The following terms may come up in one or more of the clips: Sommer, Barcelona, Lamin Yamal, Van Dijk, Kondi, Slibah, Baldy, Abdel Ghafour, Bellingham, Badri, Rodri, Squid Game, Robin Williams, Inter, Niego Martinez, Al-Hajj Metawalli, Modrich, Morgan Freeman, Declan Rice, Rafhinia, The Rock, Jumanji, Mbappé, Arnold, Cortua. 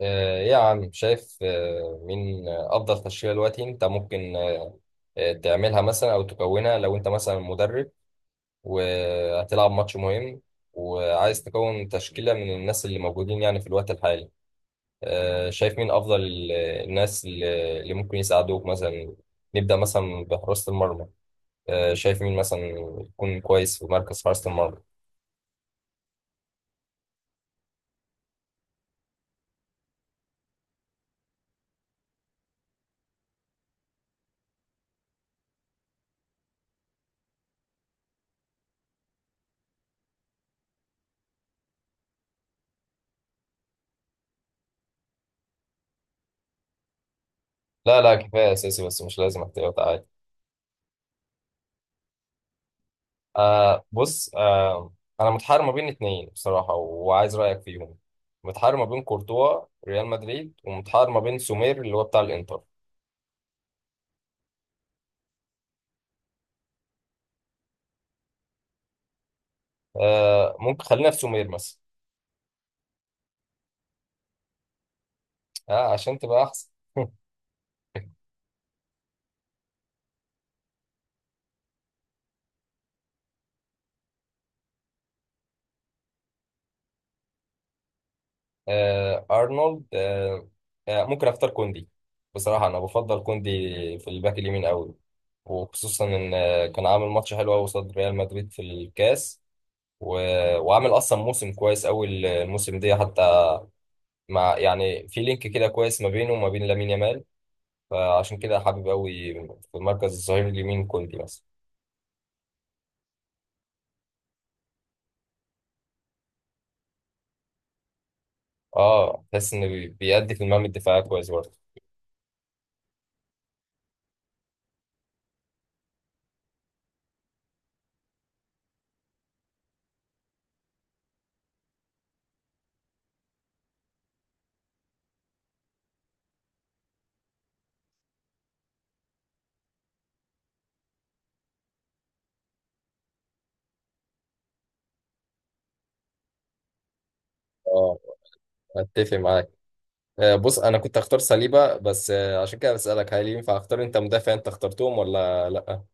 يا عم شايف مين أفضل تشكيلة دلوقتي أنت ممكن تعملها مثلا أو تكونها لو أنت مثلا مدرب وهتلعب ماتش مهم وعايز تكون تشكيلة من الناس اللي موجودين يعني في الوقت الحالي. شايف مين أفضل الناس اللي ممكن يساعدوك مثلا؟ نبدأ مثلا بحراسة المرمى. شايف مين مثلا يكون كويس في مركز حراسة المرمى؟ لا لا، كفاية أساسي بس، مش لازم احتياط، عادي. بص، انا متحير ما بين اتنين بصراحه وعايز رايك فيهم. متحير ما بين كورتوا ريال مدريد ومتحير ما بين سومير اللي هو بتاع الانتر. آه، ممكن خلينا في سومير مثلا. آه، عشان تبقى احسن. آه ارنولد، ممكن اختار كوندي. بصراحه انا بفضل كوندي في الباك اليمين قوي، وخصوصا ان كان عامل ماتش حلو قوي قصاد ريال مدريد في الكاس، و... وعامل اصلا موسم كويس قوي الموسم ده حتى، مع يعني في لينك كده كويس ما بينه وما بين لامين يامال. فعشان كده حابب قوي في مركز الظهير اليمين كوندي مثلا. اه، تحس انه بيأدي في المهام الدفاعيه كويس برضه. اه اتفق معاك. بص، انا كنت هختار سليبة بس، عشان كده بسألك هل ينفع اختار انت مدافع انت اخترتهم ولا لا؟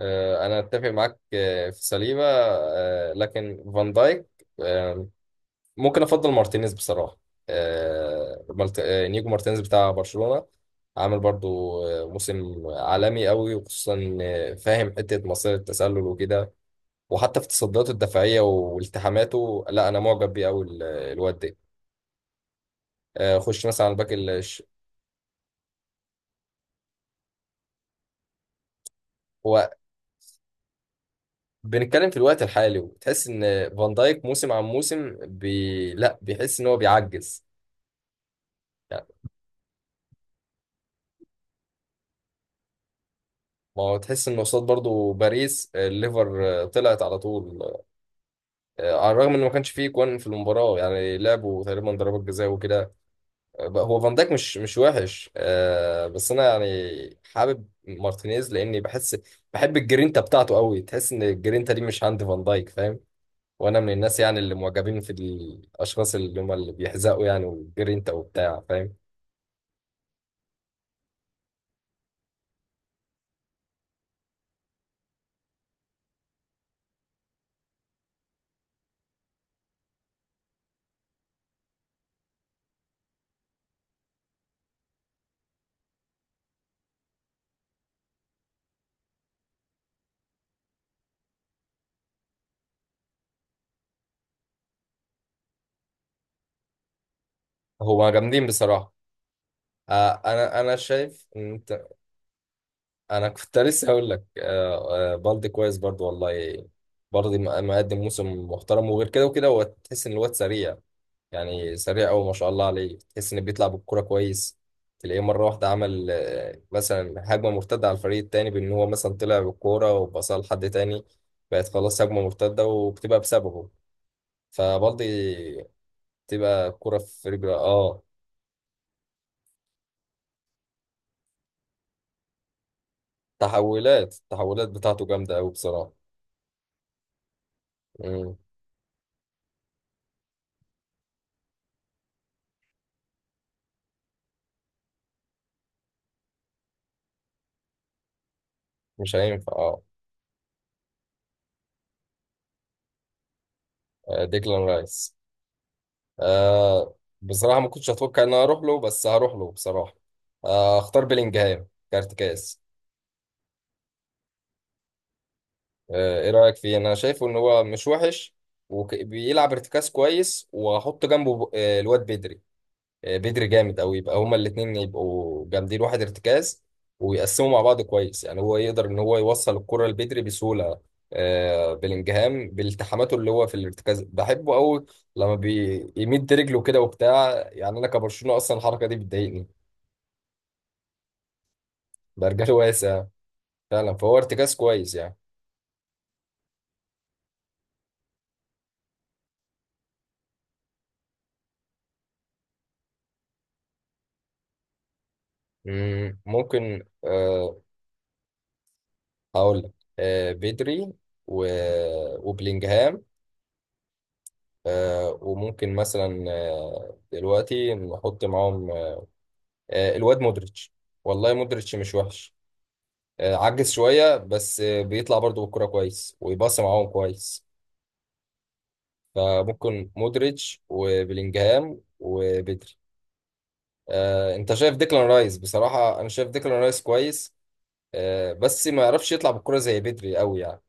انا اتفق معاك في سليبة، لكن فان دايك، آه، ممكن افضل مارتينيز بصراحه. آه مالت... آه نيجو مارتينيز بتاع برشلونه، عامل برضو موسم عالمي قوي، وخصوصا إن فاهم حته مصير التسلل وكده، وحتى في تصدياته الدفاعيه والتحاماته. لا انا معجب بيه قوي الواد ده. آه خش مثلا على الباك الش... هو بنتكلم في الوقت الحالي وتحس ان فان دايك موسم عن موسم لا بيحس ان هو بيعجز يعني. ما هو تحس ان قصاد برضو باريس، الليفر طلعت على طول، على الرغم ان ما كانش فيه جوان في المباراه، يعني لعبوا تقريبا ضربات جزاء وكده. هو فان دايك مش وحش، بس انا يعني حابب مارتينيز لاني بحس، بحب الجرينتا بتاعته قوي. تحس ان الجرينتا دي مش عند فان دايك، فاهم؟ وانا من الناس يعني اللي معجبين في الاشخاص اللي هم اللي بيحزقوا يعني والجرينتا وبتاع، فاهم؟ هو جامدين بصراحه. آه، انا شايف ان انت، انا كنت لسه هقول لك بالدي كويس برضو والله. برضه مقدم موسم محترم، وغير كده وكده هو تحس ان الواد سريع، يعني سريع قوي ما شاء الله عليه. تحس انه بيطلع بالكرة كويس، تلاقيه مرة واحدة عمل مثلا هجمة مرتدة على الفريق التاني، بان هو مثلا طلع بالكورة وباصها لحد تاني، بقت خلاص هجمة مرتدة وبتبقى بسببه. فبالدي بتبقى كرة في رجله، اه. التحولات بتاعته جامدة قوي بصراحة. مم. مش هينفع اه. ديكلان رايس. آه، بصراحة ما كنتش أتوقع إن أنا أروح له، بس هروح له بصراحة. آه أختار بيلينجهام كارتكاز. آه، إيه رأيك فيه؟ أنا شايفه إن هو مش وحش وبيلعب ارتكاز كويس، وأحط جنبه الواد بدري. آه بدري جامد أوي، يبقى هما الاتنين يبقوا جامدين واحد ارتكاز، ويقسموا مع بعض كويس يعني. هو يقدر إن هو يوصل الكرة لبدري بسهولة. آه بيلينجهام بالتحاماته اللي هو في الارتكاز بحبه أوي، لما بيمد رجله كده وبتاع. يعني أنا كبرشلونة أصلا الحركة دي بتضايقني. برجل واسع فعلا، فهو ارتكاز كويس يعني. مم، ممكن أه. هقول لك، أه بدري و... وبلينجهام، أه وممكن مثلا أه دلوقتي نحط معاهم أه الواد مودريتش. والله مودريتش مش وحش، أه عجز شوية بس بيطلع برضو بالكرة كويس، ويباصي معاهم كويس. فممكن مودريتش وبلينجهام وبدري. أه انت شايف ديكلان رايس؟ بصراحة انا شايف ديكلان رايس كويس، بس ما يعرفش يطلع بالكرة زي بدري قوي يعني.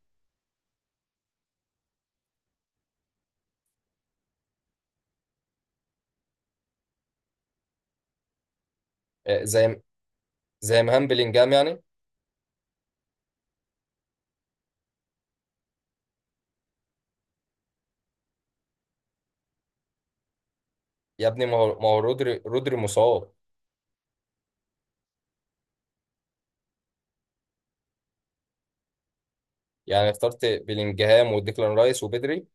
آه، زي زي مهام بلينجهام يعني. يا ابني ما هو رودري مصاب. يعني اخترت بلينجهام وديكلان رايس وبدري.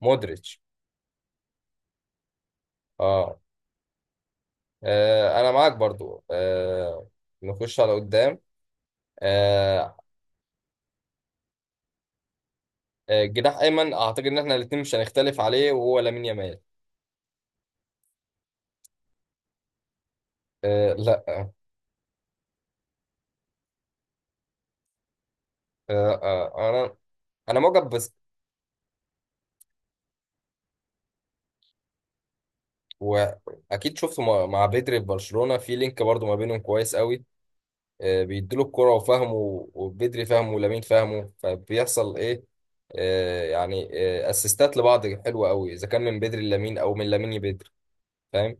مودريتش اه. انا معاك برضو. آه نخش على قدام. آه جناح ايمن اعتقد ان احنا الاثنين مش هنختلف عليه، وهو لامين يامال. آه لا آه آه انا انا معجب بس. واكيد شفته مع بدري في برشلونة، في لينك برضو ما بينهم كويس قوي. بيديله الكرة وفهمه، وبدري فهمه ولامين فهمه، فبيحصل ايه آه، يعني اسيستات لبعض حلوة قوي، اذا كان من بدري لامين او من لامين لبدري، فاهم؟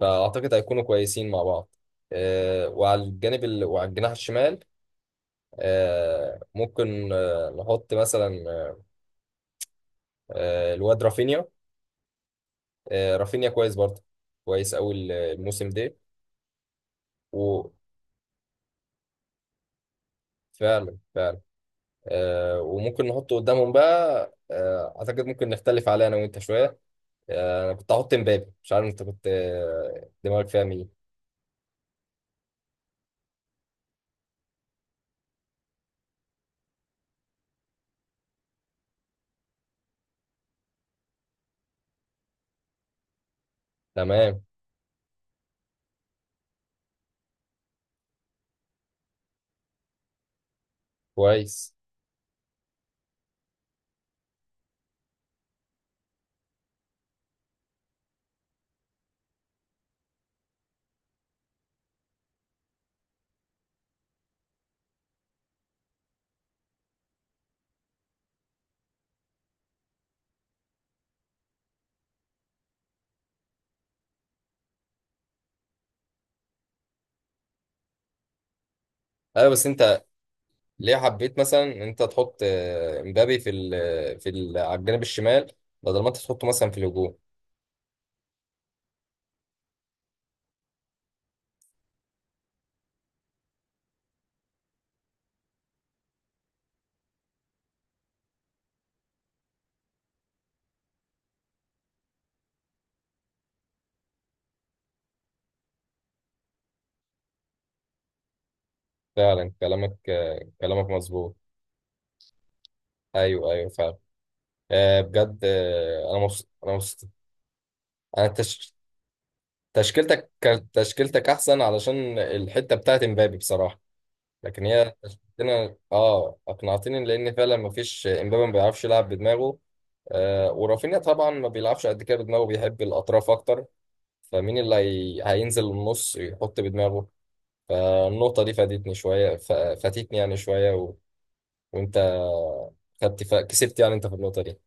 فاعتقد هيكونوا كويسين مع بعض. وعلى الجناح الشمال ممكن نحط مثلا الواد رافينيا. آه، رافينيا كويس برضه، كويس قوي الموسم ده. وفعلا فعلا. وممكن نحطه قدامهم بقى. اعتقد ممكن نختلف عليه انا وانت شوية. انا كنت هحط مبابي، مش عارف انت كنت دماغك فيها مين. تمام، كويس. ايوه بس انت ليه حبيت مثلا ان انت تحط مبابي في ال في ال على الجانب الشمال، بدل ما انت تحطه مثلا في الهجوم؟ فعلا كلامك كلامك مظبوط. ايوه ايوه فعلا. بجد انا مبسوط، انا مبسوط. انا تش... تشكيلتك كانت، تشكيلتك احسن، علشان الحته بتاعت مبابي بصراحه. لكن هي تشكيلتنا اه اقنعتني، لان فعلا مفيش، امبابي ما بيعرفش يلعب بدماغه. آه ورافينيا طبعا ما بيلعبش قد كده بدماغه، بيحب الاطراف اكتر. هينزل النص يحط بدماغه؟ فالنقطه دي فادتني شويه ف... فاتتني يعني شويه، وانت كسبت يعني انت في النقطه دي.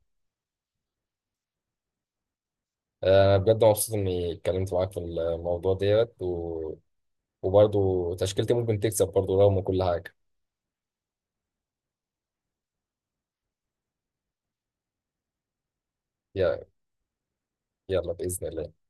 آه بجد مبسوط اني اتكلمت معاك في الموضوع ديت، وبرضه تشكيلتي ممكن تكسب برضه رغم كل حاجه. يا- يلا باذن الله.